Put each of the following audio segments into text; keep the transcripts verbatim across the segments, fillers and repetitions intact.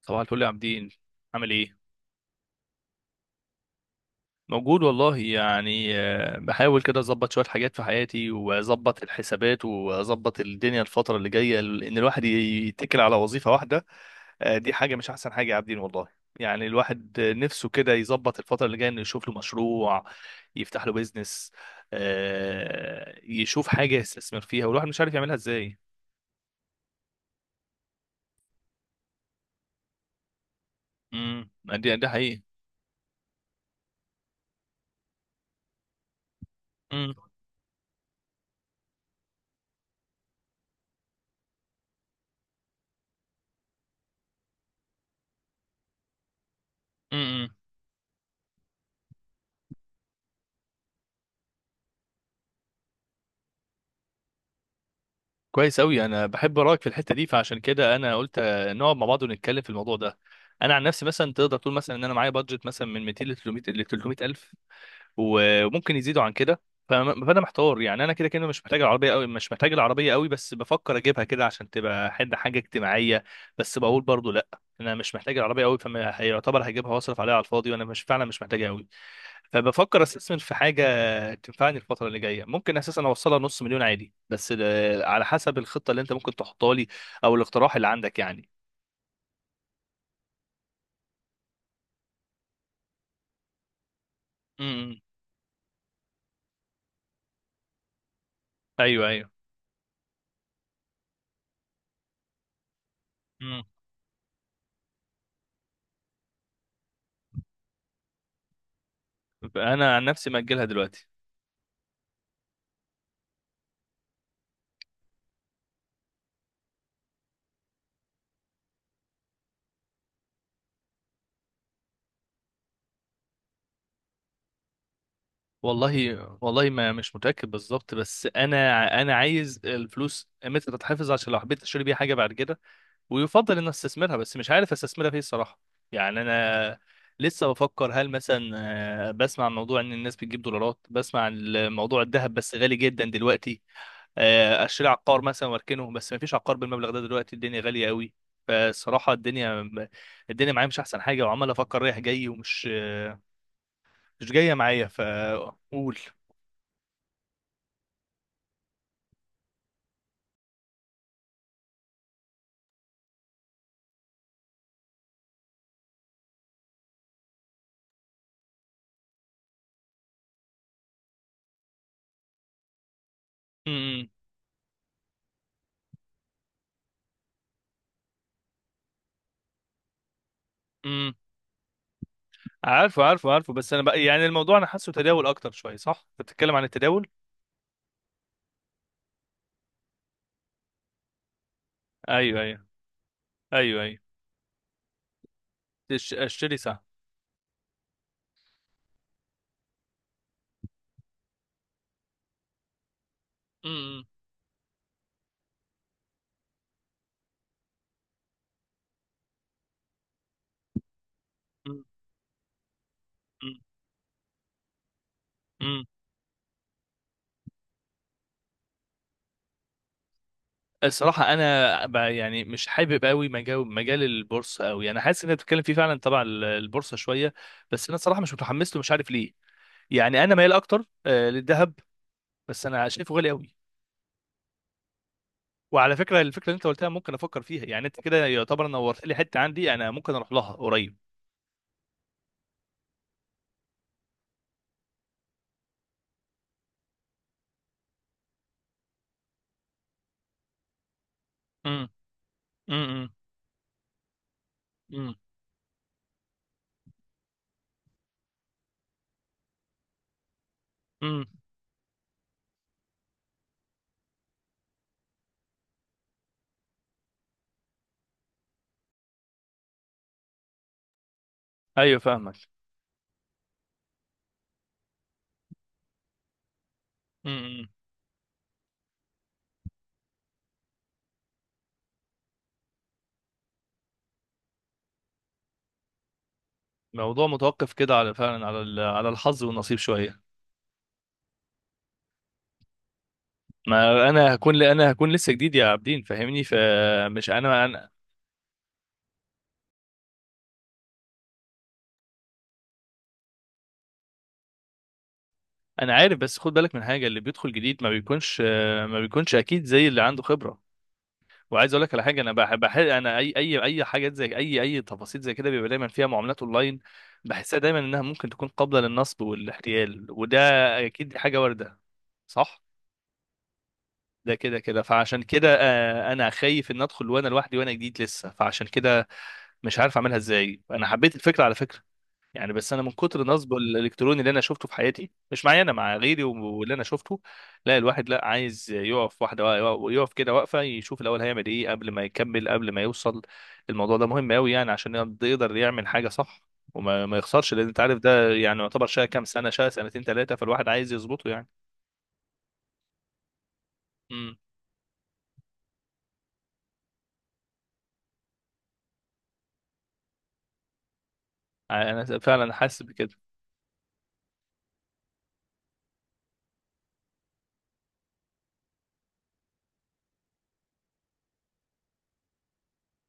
صباح الفل يا عابدين. عامل ايه؟ موجود والله، يعني آه، بحاول كده اظبط شويه حاجات في حياتي واظبط الحسابات واظبط الدنيا الفتره اللي جايه ان الواحد يتكل على وظيفه واحده. آه، دي حاجه مش احسن حاجه يا عابدين والله. يعني الواحد نفسه كده يظبط الفتره اللي جايه انه يشوف له مشروع، يفتح له بيزنس. آه، يشوف حاجه يستثمر فيها، والواحد مش عارف يعملها ازاي. امم ده ده حقيقي. امم. امم، امم. كويس أوي، أنا بحب رأيك في الحتة دي، فعشان كده أنا قلت آه، نقعد مع بعض ونتكلم في الموضوع ده. أنا عن نفسي مثلا تقدر تقول مثلا إن أنا معايا بادجت مثلا من ميتين ل ثلاثمائة ل ثلاثمائة ألف، و- وممكن يزيدوا عن كده. فم- فأنا محتار، يعني أنا كده كده مش محتاج العربية أوي، مش محتاج العربية أوي، بس بفكر أجيبها كده عشان تبقى حد حاجة اجتماعية. بس بقول برضو لأ، أنا مش محتاج العربية أوي، فما هيعتبر هجيبها وأصرف عليها على الفاضي وأنا مش فعلا مش محتاجها أوي. فبفكر استثمر في حاجه تنفعني الفتره اللي جايه، ممكن اساسا اوصلها نص مليون عادي، بس ال- على حسب الخطه اللي انت ممكن تحطها لي، او الاقتراح اللي عندك يعني. امم. ايوه ايوه. امم. انا عن نفسي ماجلها دلوقتي. والله والله ما مش متاكد بالظبط، بس انا انا عايز الفلوس متى تتحفظ عشان لو حبيت اشتري بيها حاجه بعد كده، ويفضل ان استثمرها، بس مش عارف استثمرها فيه الصراحه. يعني انا لسه بفكر، هل مثلا آه، بسمع عن موضوع ان الناس بتجيب دولارات، بسمع عن موضوع الذهب بس غالي جدا دلوقتي، آه، اشتري عقار مثلا واركنه، بس ما فيش عقار بالمبلغ ده دلوقتي الدنيا غاليه قوي. فالصراحه الدنيا الدنيا معايا مش احسن حاجه، وعمال افكر رايح جاي، ومش آه، مش جايه معايا فقول. امم. امم. عارفه عارفه عارفه، بس انا بقى يعني الموضوع انا حاسه تداول اكتر شويه، صح؟ بتتكلم عن التداول؟ ايوه ايوه. ايوه ايوه. تش- اشتري سهم. امم. امم. الصراحة أنا ب- يعني مش حابب قوي مجال مجال البورصة قوي، أنا حاسس إن أنت بتتكلم فيه فعلا تبع ال- البورصة شوية، بس أنا الصراحة مش متحمس له، مش عارف ليه. يعني أنا مايل أكتر آه، للذهب، بس أنا شايفه غالي قوي. وعلى فكرة، الفكرة اللي أنت قلتها ممكن أفكر فيها، يعني أنت كده يعتبر نورت لي حتة عندي أنا ممكن أروح لها قريب. امم. أيوه فاهمك. امم. الموضوع متوقف كده على فعلا على ال- على الحظ والنصيب شوية. ما انا هكون انا هكون لسه جديد يا عابدين فاهمني، فمش انا انا. انا عارف، بس خد بالك من حاجه، اللي بيدخل جديد ما بيكونش، ما بيكونش اكيد زي اللي عنده خبره. وعايز اقول لك على حاجه، انا بحب بحب انا اي اي اي حاجات زي اي اي تفاصيل زي كده بيبقى دايما فيها معاملات اونلاين، بحسها دايما انها ممكن تكون قابله للنصب والاحتيال، وده اكيد دي حاجه وارده صح. ده كده كده، فعشان كده آه، انا خايف ان ادخل وانا لوحدي وانا جديد لسه، فعشان كده مش عارف اعملها ازاي. انا حبيت الفكره على فكره يعني، بس انا من كتر نصبه الالكتروني اللي انا شفته في حياتي، مش معايا انا، مع غيري، واللي انا شفته. لا الواحد لا عايز يقف واحده، يقف كده واقفه يشوف الاول هيعمل ايه قبل ما يكمل قبل ما يوصل، الموضوع ده مهم قوي يعني عشان يقدر يقدر يعمل حاجه صح، وما ما يخسرش، لان انت عارف ده يعني يعتبر شقه كام سنه، شقه سنتين ثلاثه، فالواحد عايز يظبطه يعني. امم. انا فعلا حاسس بكده.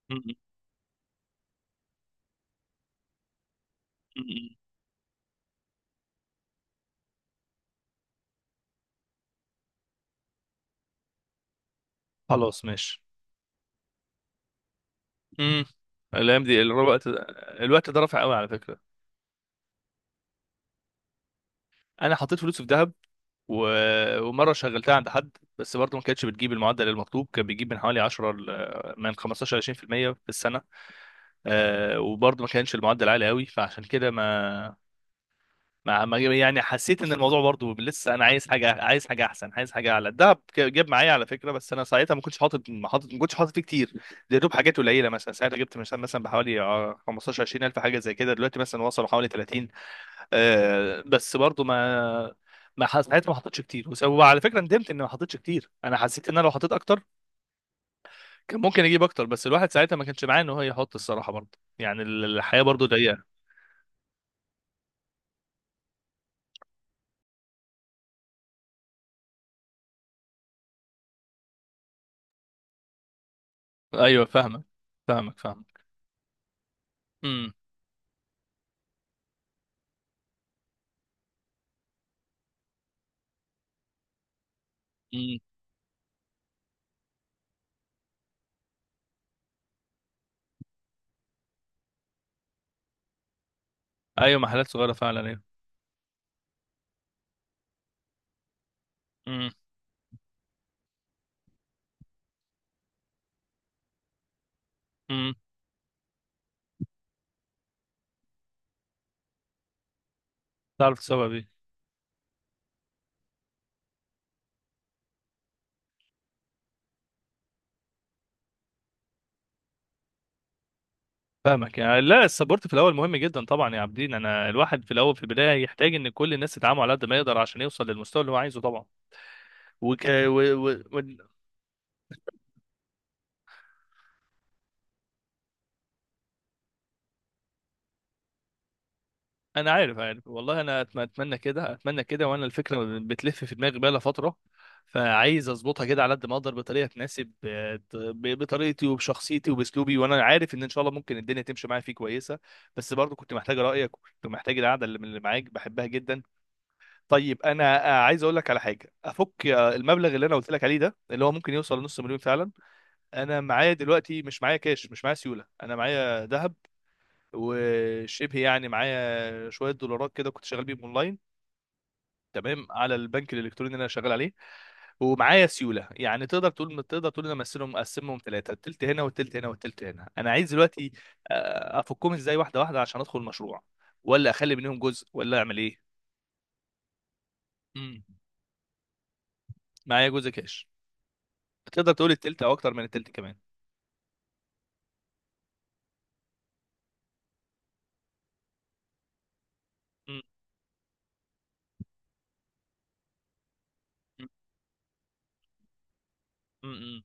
مم. مم. خلاص ماشي. امم. الايام دي الوقت الوقت ده رافع قوي على فكره. انا حطيت فلوسي في ذهب، و... ومره شغلتها عند حد، بس برضه ما كانتش بتجيب المعدل المطلوب، كان بيجيب من حوالي عشرة ل- من خمسة عشر ل عشرين في المية في المية في السنه. آه، وبرضه ما كانش المعدل عالي قوي، فعشان كده ما ما ما- يعني حسيت ان الموضوع برضه لسه انا عايز حاجه، عايز حاجه احسن، عايز حاجه اعلى. الدهب ك- جاب معايا على فكره، بس انا ساعتها ما كنتش حاطط ما حاطط ما كنتش حاطط فيه كتير. ده يا دوب حاجات قليله مثلا، ساعتها جبت مثلا مثلا بحوالي آه، خمستاشر عشرين الف حاجه زي كده، دلوقتي مثلا وصلوا حوالي تلاتين. آه بس برضو ما ما ح- ساعتها ما حطيتش كتير، وس- وعلى فكره ندمت اني ما حطيتش كتير، انا حسيت ان انا لو حطيت اكتر كان ممكن اجيب اكتر، بس الواحد ساعتها ما كانش معاه ان هو يحط الصراحه، برضو يعني ال- الحياه برضو ضيقه. ايوه فاهمك فاهمك فاهمك. امم. امم. ايوه، محلات صغيره فعلا، ايوه. امم. امم. تعرف السبب ايه؟ فاهمك يعني، لا السبورت في الاول مهم جدا طبعا يا عابدين، انا الواحد في الاول في البدايه يحتاج ان كل الناس تدعمه على قد ما يقدر عشان يوصل للمستوى اللي هو عايزه طبعا. وك... و... و... انا عارف عارف والله، انا أتم- اتمنى كده اتمنى كده، وانا الفكره بتلف في دماغي بقالها فتره، فعايز اظبطها كده على قد ما اقدر بطريقه تناسب آه، ط- ب- بطريقتي وبشخصيتي وباسلوبي، وانا عارف ان ان شاء الله ممكن الدنيا تمشي معايا فيه كويسه. بس برضو كنت محتاج رايك، وكنت محتاج القعده اللي من اللي معاك بحبها جدا. طيب انا آه، عايز اقول لك على حاجه، افك آه، المبلغ اللي انا قلت لك عليه ده اللي هو ممكن يوصل لنص مليون فعلا، انا معايا دلوقتي مش معايا كاش، مش معايا سيوله، انا معايا ذهب، وشبه يعني معايا شويه دولارات كده كنت شغال بيهم اونلاين، تمام على البنك الالكتروني اللي انا شغال عليه. ومعايا سيوله، يعني تقدر تقول تقدر تقول انا مقسمهم مقسمهم ثلاثه، التلت هنا والتلت هنا والتلت هنا. انا عايز دلوقتي آه، افكهم ازاي واحده واحده عشان ادخل المشروع، ولا اخلي منهم جزء، ولا اعمل ايه؟ مم. معايا جزء كاش. تقدر تقول التلت او اكتر من التلت كمان. مم. مم. مم.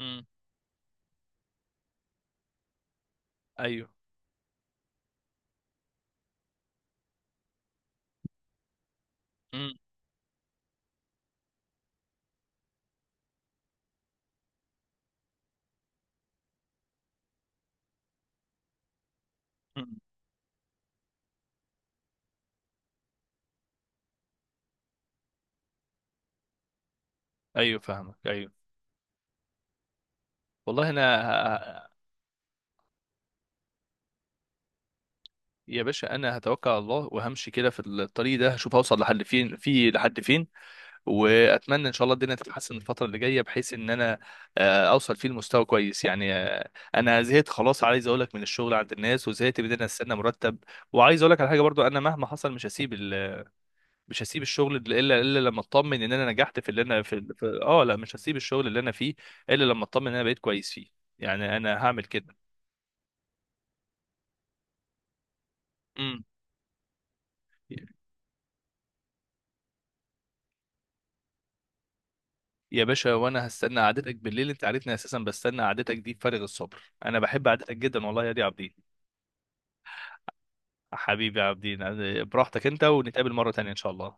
مم. ايوه. مم. مم. ايوه فاهمك، ايوه. والله انا، يا باشا انا هتوكل على الله وهمشي كده في الطريق ده، هشوف هوصل لحد فين، في لحد فين، واتمنى ان شاء الله الدنيا تتحسن الفتره اللي جايه بحيث ان انا آه، اوصل فيه لمستوى كويس. يعني آه، انا زهقت خلاص عايز اقول لك من الشغل عند الناس، وزهقت من ان انا استنى مرتب. وعايز اقول لك على حاجه برضو، انا مهما حصل مش هسيب ال... مش هسيب الشغل الا الا لما اطمن ان انا نجحت في اللي انا في, ال- في... اه لا، مش هسيب الشغل اللي انا فيه الا لما اطمن ان انا بقيت كويس فيه، يعني انا هعمل كده. امم. يا باشا وانا هستنى قعدتك بالليل، انت عارفني اساسا بستنى قعدتك دي بفارغ الصبر، انا بحب قعدتك جدا والله يا دي عبدين. حبيبي يا عبدين. براحتك انت، ونتقابل مرة تانية ان شاء الله.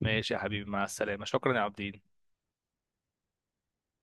ماشي يا حبيبي مع السلامة، شكرا يا عبدين.